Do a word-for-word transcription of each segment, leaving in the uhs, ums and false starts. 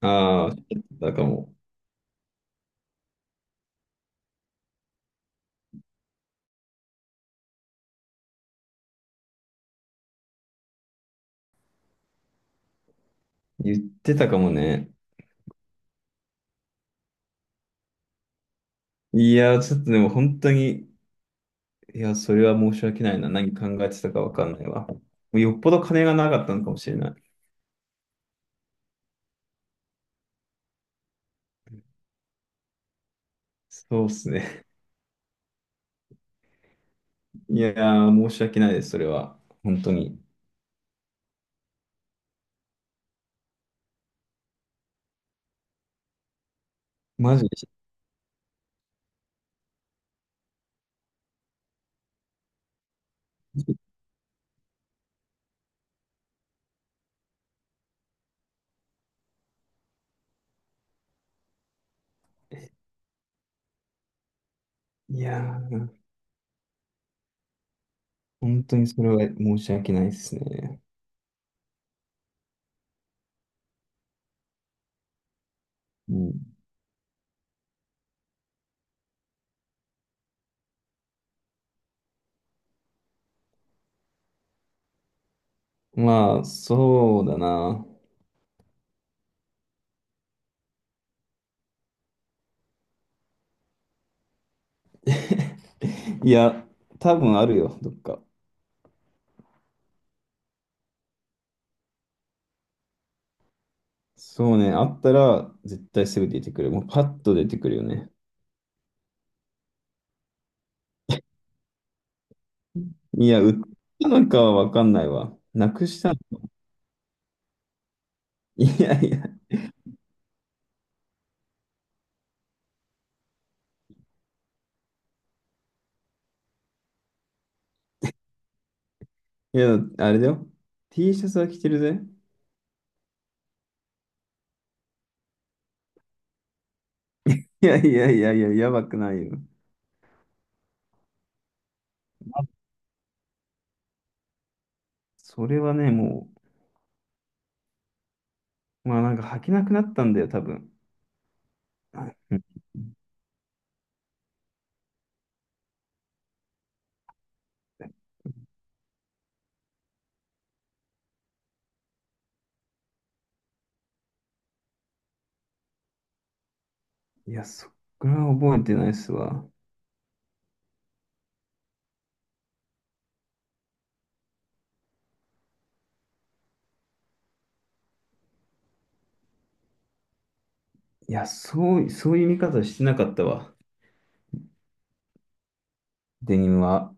ああ、だかも。言ってたかもね。いや、ちょっとでも本当に、いや、それは申し訳ないな。何考えてたかわかんないわ。もうよっぽど金がなかったのかもしれない。そうっすね。いやー、申し訳ないです、それは。本当に。マジで。いやー、本当にそれは申し訳ないですね。うん、まあ、そうだな。いや、多分あるよ、どっか。そうね、あったら絶対すぐ出てくる。もうパッと出てくるよね。いや、売ったのかはわかんないわ。なくしたの。いやいや、いや、あれだよ。T シャツは着てるぜ。いやいやいやいや、やばくないよ。それはね、もう、まあなんか履けなくなったんだよ、多分。うんいや、そっから覚えてないっすわ。いや、そう、そういう見方してなかったわ。デニムは。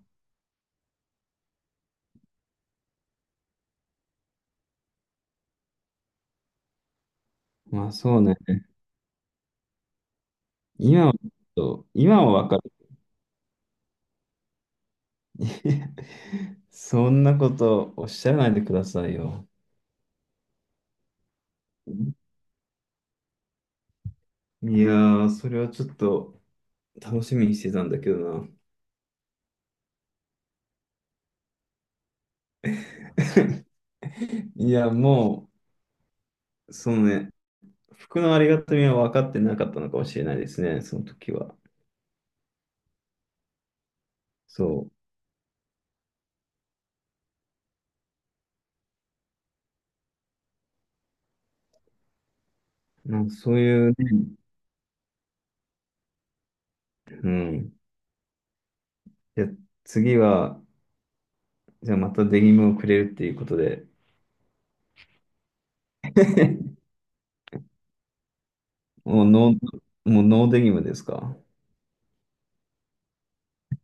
まあそうね。今は、ちょっと今はわかる。いやそんなことおっしゃらないでくださいよ。いやー、それはちょっと。楽しみにしてたんだけどな。いや、もう、そのね、服のありがたみは分かってなかったのかもしれないですね、その時は。そう。なんかそういうね、うん。じゃあ次は、じゃあまたデニムをくれるっていうことで、もうノー、もうノーデニムですか？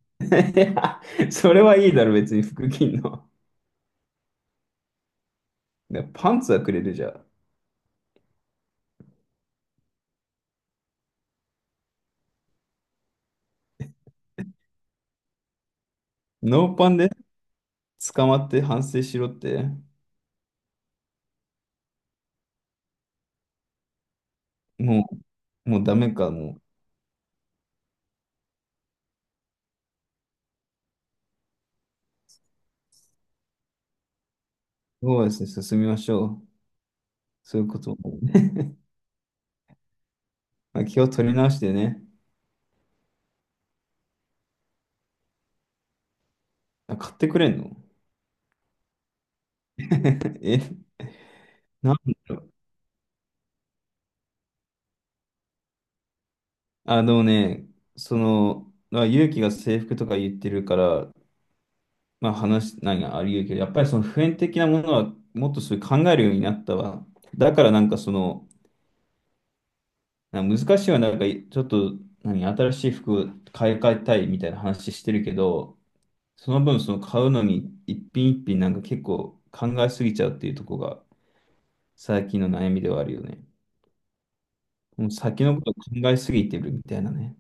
いや、それはいいだろ、別に服着んの。いやパンツはくれるじゃん。ノーパンで捕まって反省しろって、もう、もうダメか、もう。そうですね、進みましょう。そういうこともね。まあ、気を取り直してね。あ、買ってくれんの？ え、なんだろう。あ、でもね、その、まあ、勇気が制服とか言ってるから、まあ話、何があり得るけど、やっぱりその普遍的なものはもっとそういう考えるようになったわ。だからなんかその、なんか難しいはなんかちょっと、何、新しい服を買い替えたいみたいな話してるけど、その分その買うのに一品一品なんか結構考えすぎちゃうっていうところが最近の悩みではあるよね。もう先のこと考えすぎてるみたいなね。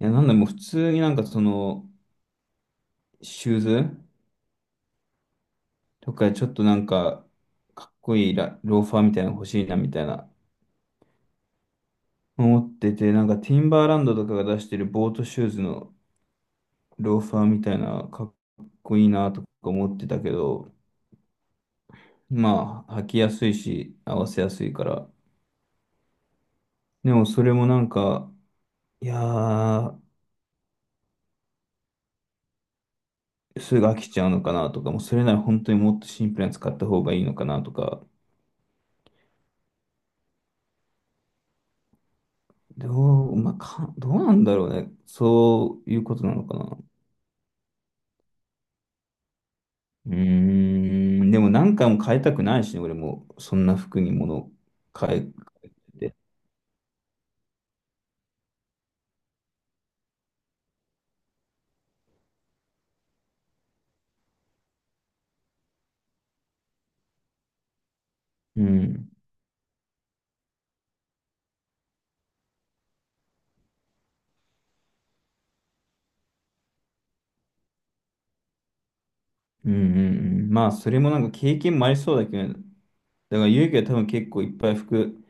いや、なんだ、もう普通になんかその、シューズとかちょっとなんか、かっこいいラ、ローファーみたいなの欲しいなみたいな、思ってて、なんかティンバーランドとかが出してるボートシューズのローファーみたいな、かっこいいなとか思ってたけど、まあ、履きやすいし、合わせやすいから。でもそれもなんか、いやー、すぐ飽きちゃうのかなとか、もうそれなら本当にもっとシンプルに使った方がいいのかなとか、どう、まあ、か、どうなんだろうね。そういうことなのかな。うーん、でも何回も変えたくないしね、俺も、そんな服に物を変えて。うん、うん、うん、うん。まあ、それもなんか経験もありそうだけどね、だから勇気は多分結構いっぱい服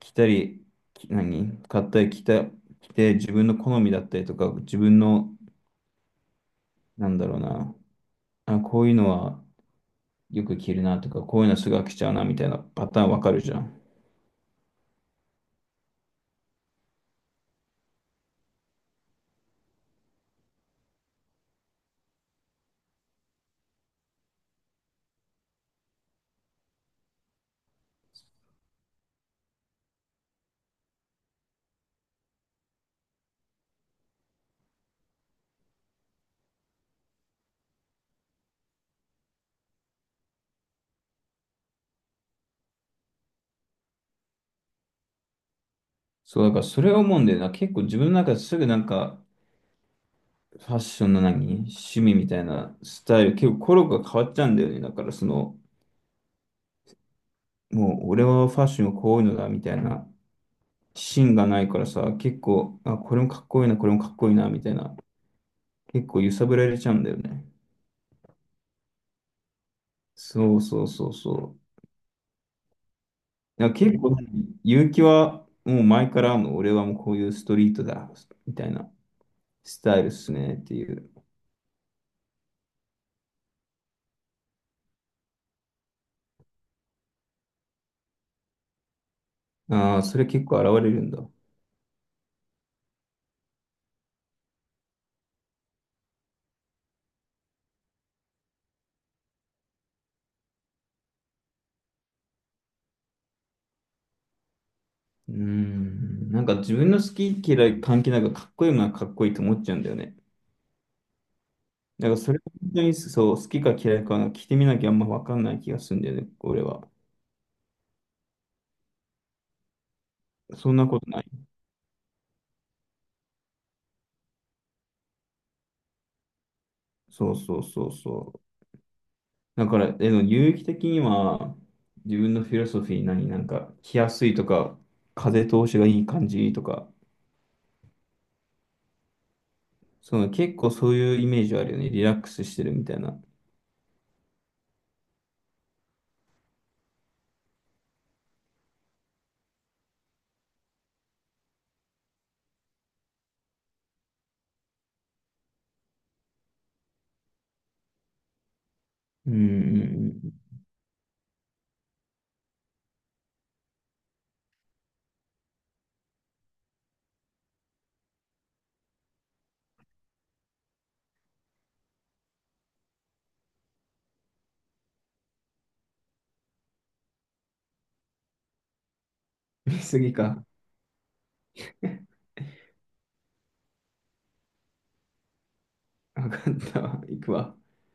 着たり、き何買ったり着た、着て、自分の好みだったりとか、自分の、なんだろうな、あ、こういうのは、よく着るなとか、こういうのすぐ飽きちゃうなみたいなパターンわかるじゃん。そう、だからそれを思うんだよな。結構自分の中ですぐなんか、ファッションの何趣味みたいなスタイル、結構コロが変わっちゃうんだよね。だからその、もう俺はファッションはこういうのだみたいな芯がないからさ、結構、あ、これもかっこいいな、これもかっこいいなみたいな、結構揺さぶられちゃうんだよね。そうそうそうそう。だから結構ね、勇気はもう前からもう俺はもうこういうストリートだみたいなスタイルっすねっていう。ああ、それ結構現れるんだ。うーん。なんか自分の好き嫌い関係なくかっこいいものはかっこいいと思っちゃうんだよね。だからそれ本当にそう、好きか嫌いか聞いてみなきゃあんまわかんない気がするんだよね、俺は。そんなことない。そうそうそうそう。だから、でも有益的には自分のフィロソフィー何、なんか着やすいとか、風通しがいい感じとか、その結構そういうイメージはあるよね。リラックスしてるみたいな。うんうんうん。見すぎか。わかったわ。行くわ。